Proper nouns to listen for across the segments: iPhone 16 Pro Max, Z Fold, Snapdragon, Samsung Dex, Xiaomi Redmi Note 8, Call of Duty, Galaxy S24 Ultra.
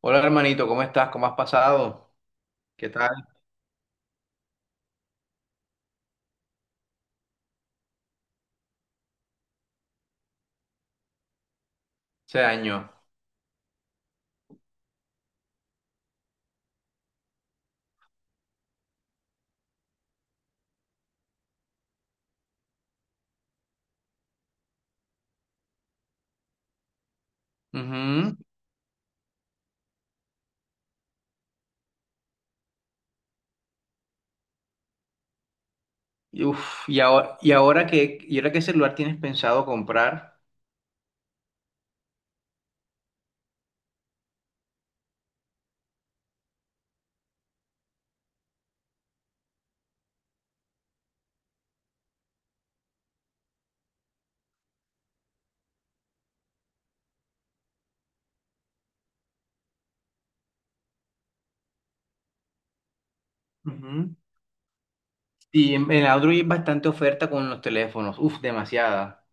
Hola hermanito, ¿cómo estás? ¿Cómo has pasado? ¿Qué tal ese año? Ujú. Y ahora, ¿y ahora qué celular tienes pensado comprar? Ujú. Sí, en Android hay bastante oferta con los teléfonos, uf, demasiada.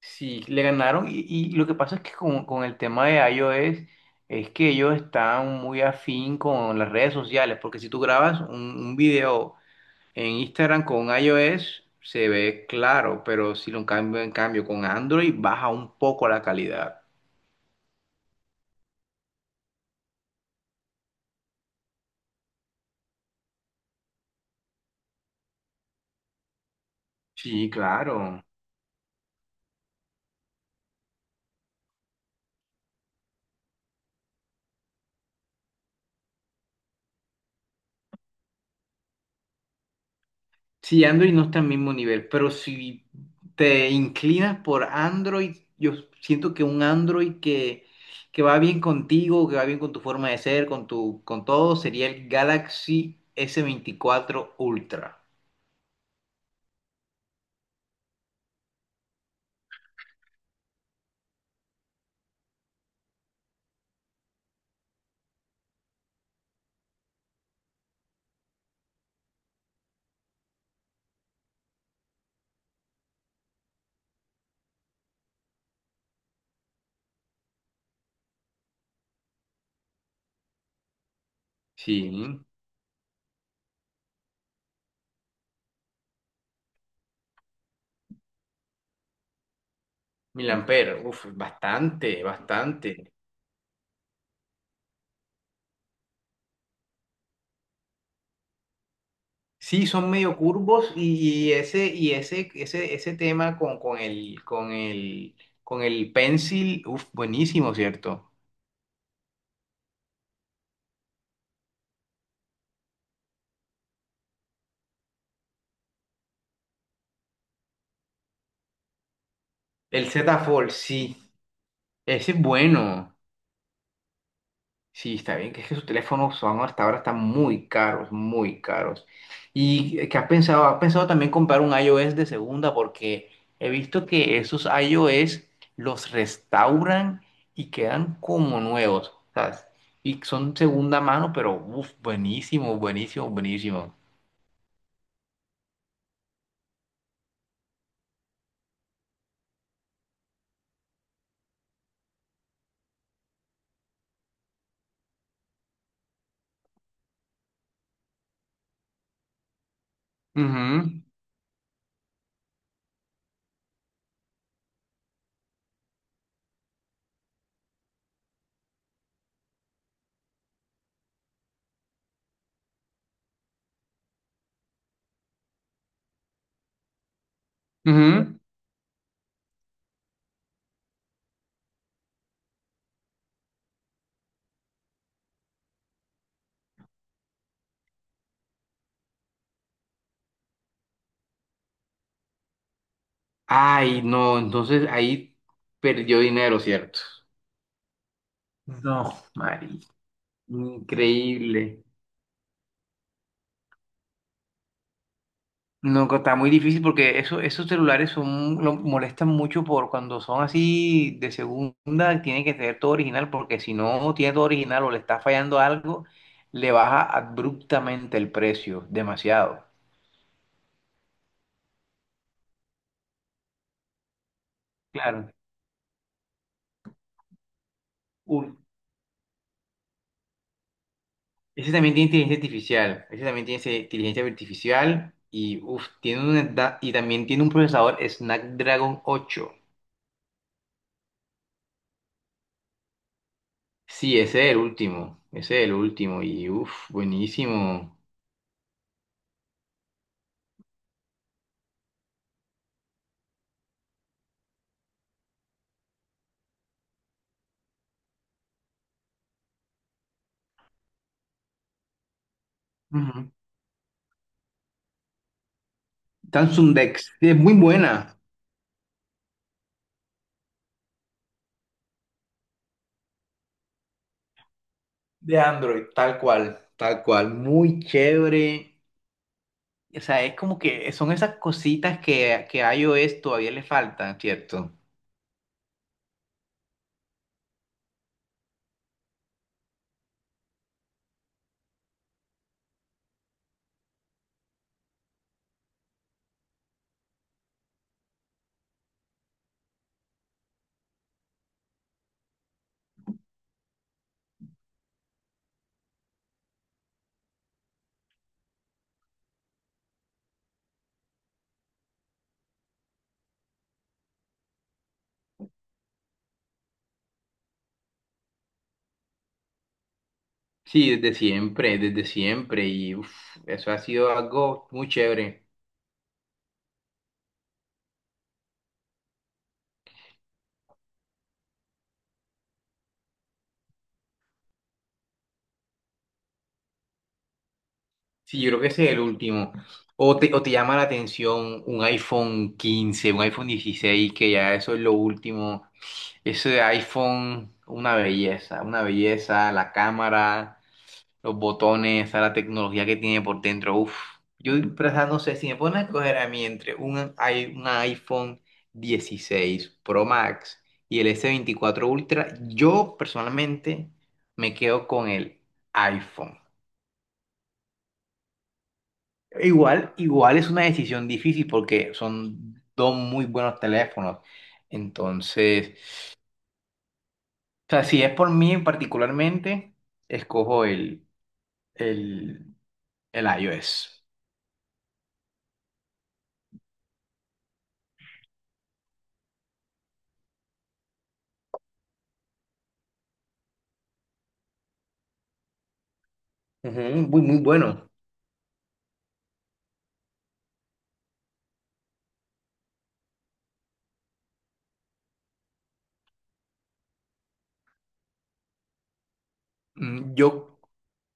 Sí, le ganaron y lo que pasa es que con el tema de iOS es que ellos están muy afín con las redes sociales, porque si tú grabas un video en Instagram con iOS se ve claro, pero si lo cambio en cambio con Android baja un poco la calidad. Sí, claro. Sí, Android no está al mismo nivel, pero si te inclinas por Android, yo siento que un Android que va bien contigo, que va bien con tu forma de ser, con tu, con todo, sería el Galaxy S24 Ultra. Sí, mil amperes, uf, bastante, bastante. Sí, son medio curvos y ese, y ese tema con, con el pencil, uf, buenísimo, ¿cierto? El Z Fold, sí, ese es bueno. Sí, está bien, que es que sus teléfonos son hasta ahora están muy caros, muy caros. ¿Y qué has pensado? ¿Has pensado también comprar un iOS de segunda? Porque he visto que esos iOS los restauran y quedan como nuevos, ¿sabes? Y son segunda mano, pero uf, buenísimo, buenísimo, buenísimo. Ujú, ujú. Ay, no, entonces ahí perdió dinero, ¿cierto? No, Mari, increíble. No, que está muy difícil porque eso, esos celulares son, lo molestan mucho por cuando son así de segunda, tiene que tener todo original porque si no tiene todo original o le está fallando algo, le baja abruptamente el precio, demasiado. Claro. Uf, ese también tiene inteligencia artificial, ese también tiene inteligencia artificial y uf, tiene y también tiene un procesador Snapdragon 8. Sí, ese es el último, ese es el último y uff, buenísimo. Samsung Dex, sí, es muy buena. De Android, tal cual. Tal cual, muy chévere. O sea, es como que son esas cositas que a iOS todavía le faltan, ¿cierto? Sí, desde siempre, desde siempre. Y uf, eso ha sido algo muy chévere. Sí, yo creo que ese es el último. O te llama la atención un iPhone 15, un iPhone 16 que ya eso es lo último. Ese iPhone, una belleza, la cámara. Los botones, a la tecnología que tiene por dentro. Uf, yo en verdad no sé si me ponen a escoger a mí entre un iPhone 16 Pro Max y el S24 Ultra, yo personalmente me quedo con el iPhone. Igual, igual es una decisión difícil porque son dos muy buenos teléfonos. Entonces, o sea, si es por mí particularmente, escojo el, el iOS. Ujú, muy, muy bueno. Mm, Yo,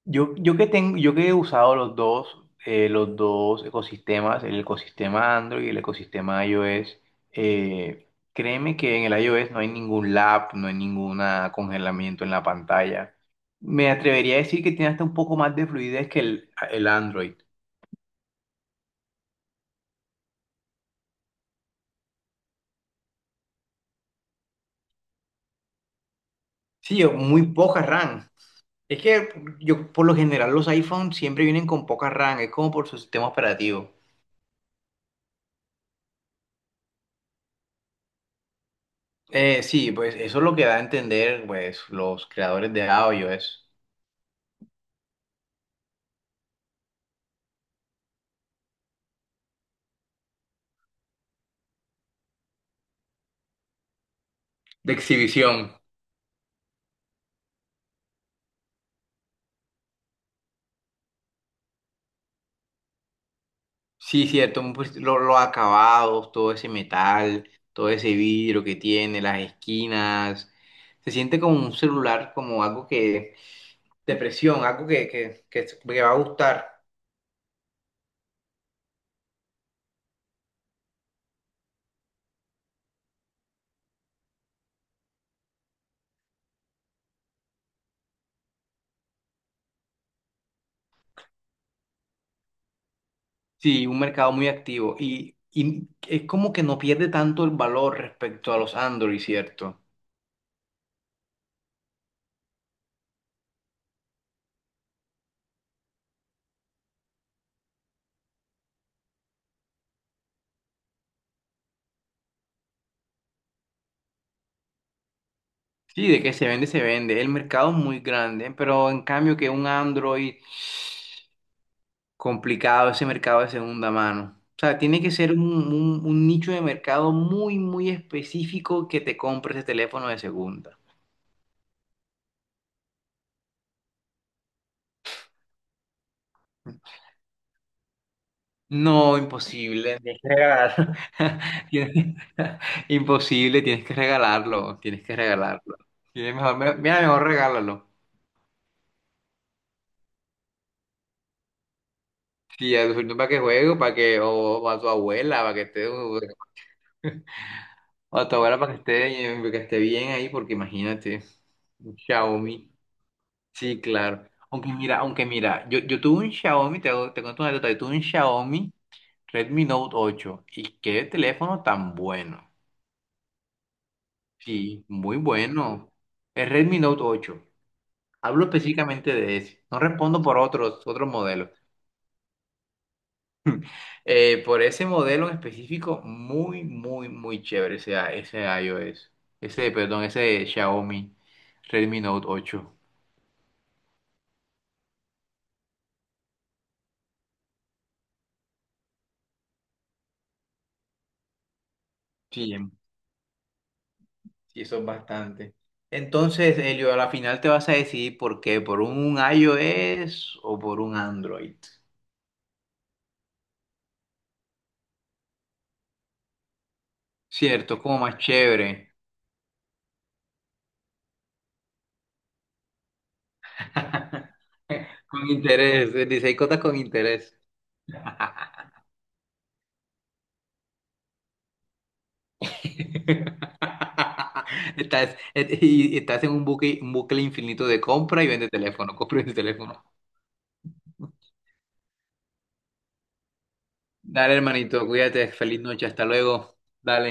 yo, yo que tengo, yo que he usado los dos ecosistemas, el ecosistema Android y el ecosistema iOS, créeme que en el iOS no hay ningún lag, no hay ningún congelamiento en la pantalla. Me atrevería a decir que tiene hasta un poco más de fluidez que el Android. Sí, o muy poca RAM. Es que yo, por lo general, los iPhones siempre vienen con poca RAM, es como por su sistema operativo. Sí, pues eso es lo que da a entender pues, los creadores de audio, es de exhibición. Sí, cierto, un pues, los acabados, todo ese metal, todo ese vidrio que tiene, las esquinas. Se siente como un celular, como algo que, de presión, algo que va a gustar. Sí, un mercado muy activo. Y es como que no pierde tanto el valor respecto a los Android, ¿cierto? Sí, de que se vende, se vende. El mercado es muy grande, pero en cambio que un Android. Complicado ese mercado de segunda mano. O sea, tiene que ser un nicho de mercado muy, muy específico que te compre ese teléfono de segunda. No, imposible, tienes que regalarlo. Tienes- Imposible, tienes que regalarlo, tienes que regalarlo. Tienes mejor, mira, mejor regálalo. Sí, a tu sobrino para que juegue, para que, o a tu abuela, para que esté, o a tu abuela para que esté bien ahí, porque imagínate, un Xiaomi. Sí, claro. Aunque mira, yo tuve un Xiaomi, te cuento una anécdota, yo tuve un Xiaomi Redmi Note 8 y qué teléfono tan bueno. Sí, muy bueno. El Redmi Note 8. Hablo específicamente de ese. No respondo por otros, otros modelos. Por ese modelo en específico, muy, muy, muy chévere ese, ese iOS. Ese, perdón, ese Xiaomi Redmi Note 8. Sí, sí, eso es bastante. Entonces, Elio, a la final te vas a decidir por qué, por un iOS o por un Android. Cierto, como más chévere. Con interés, dice, hay cosas con interés. Estás, y estás en un bucle infinito de compra y vende teléfono, compra y vende teléfono. Dale, hermanito, cuídate, feliz noche, hasta luego. Dale.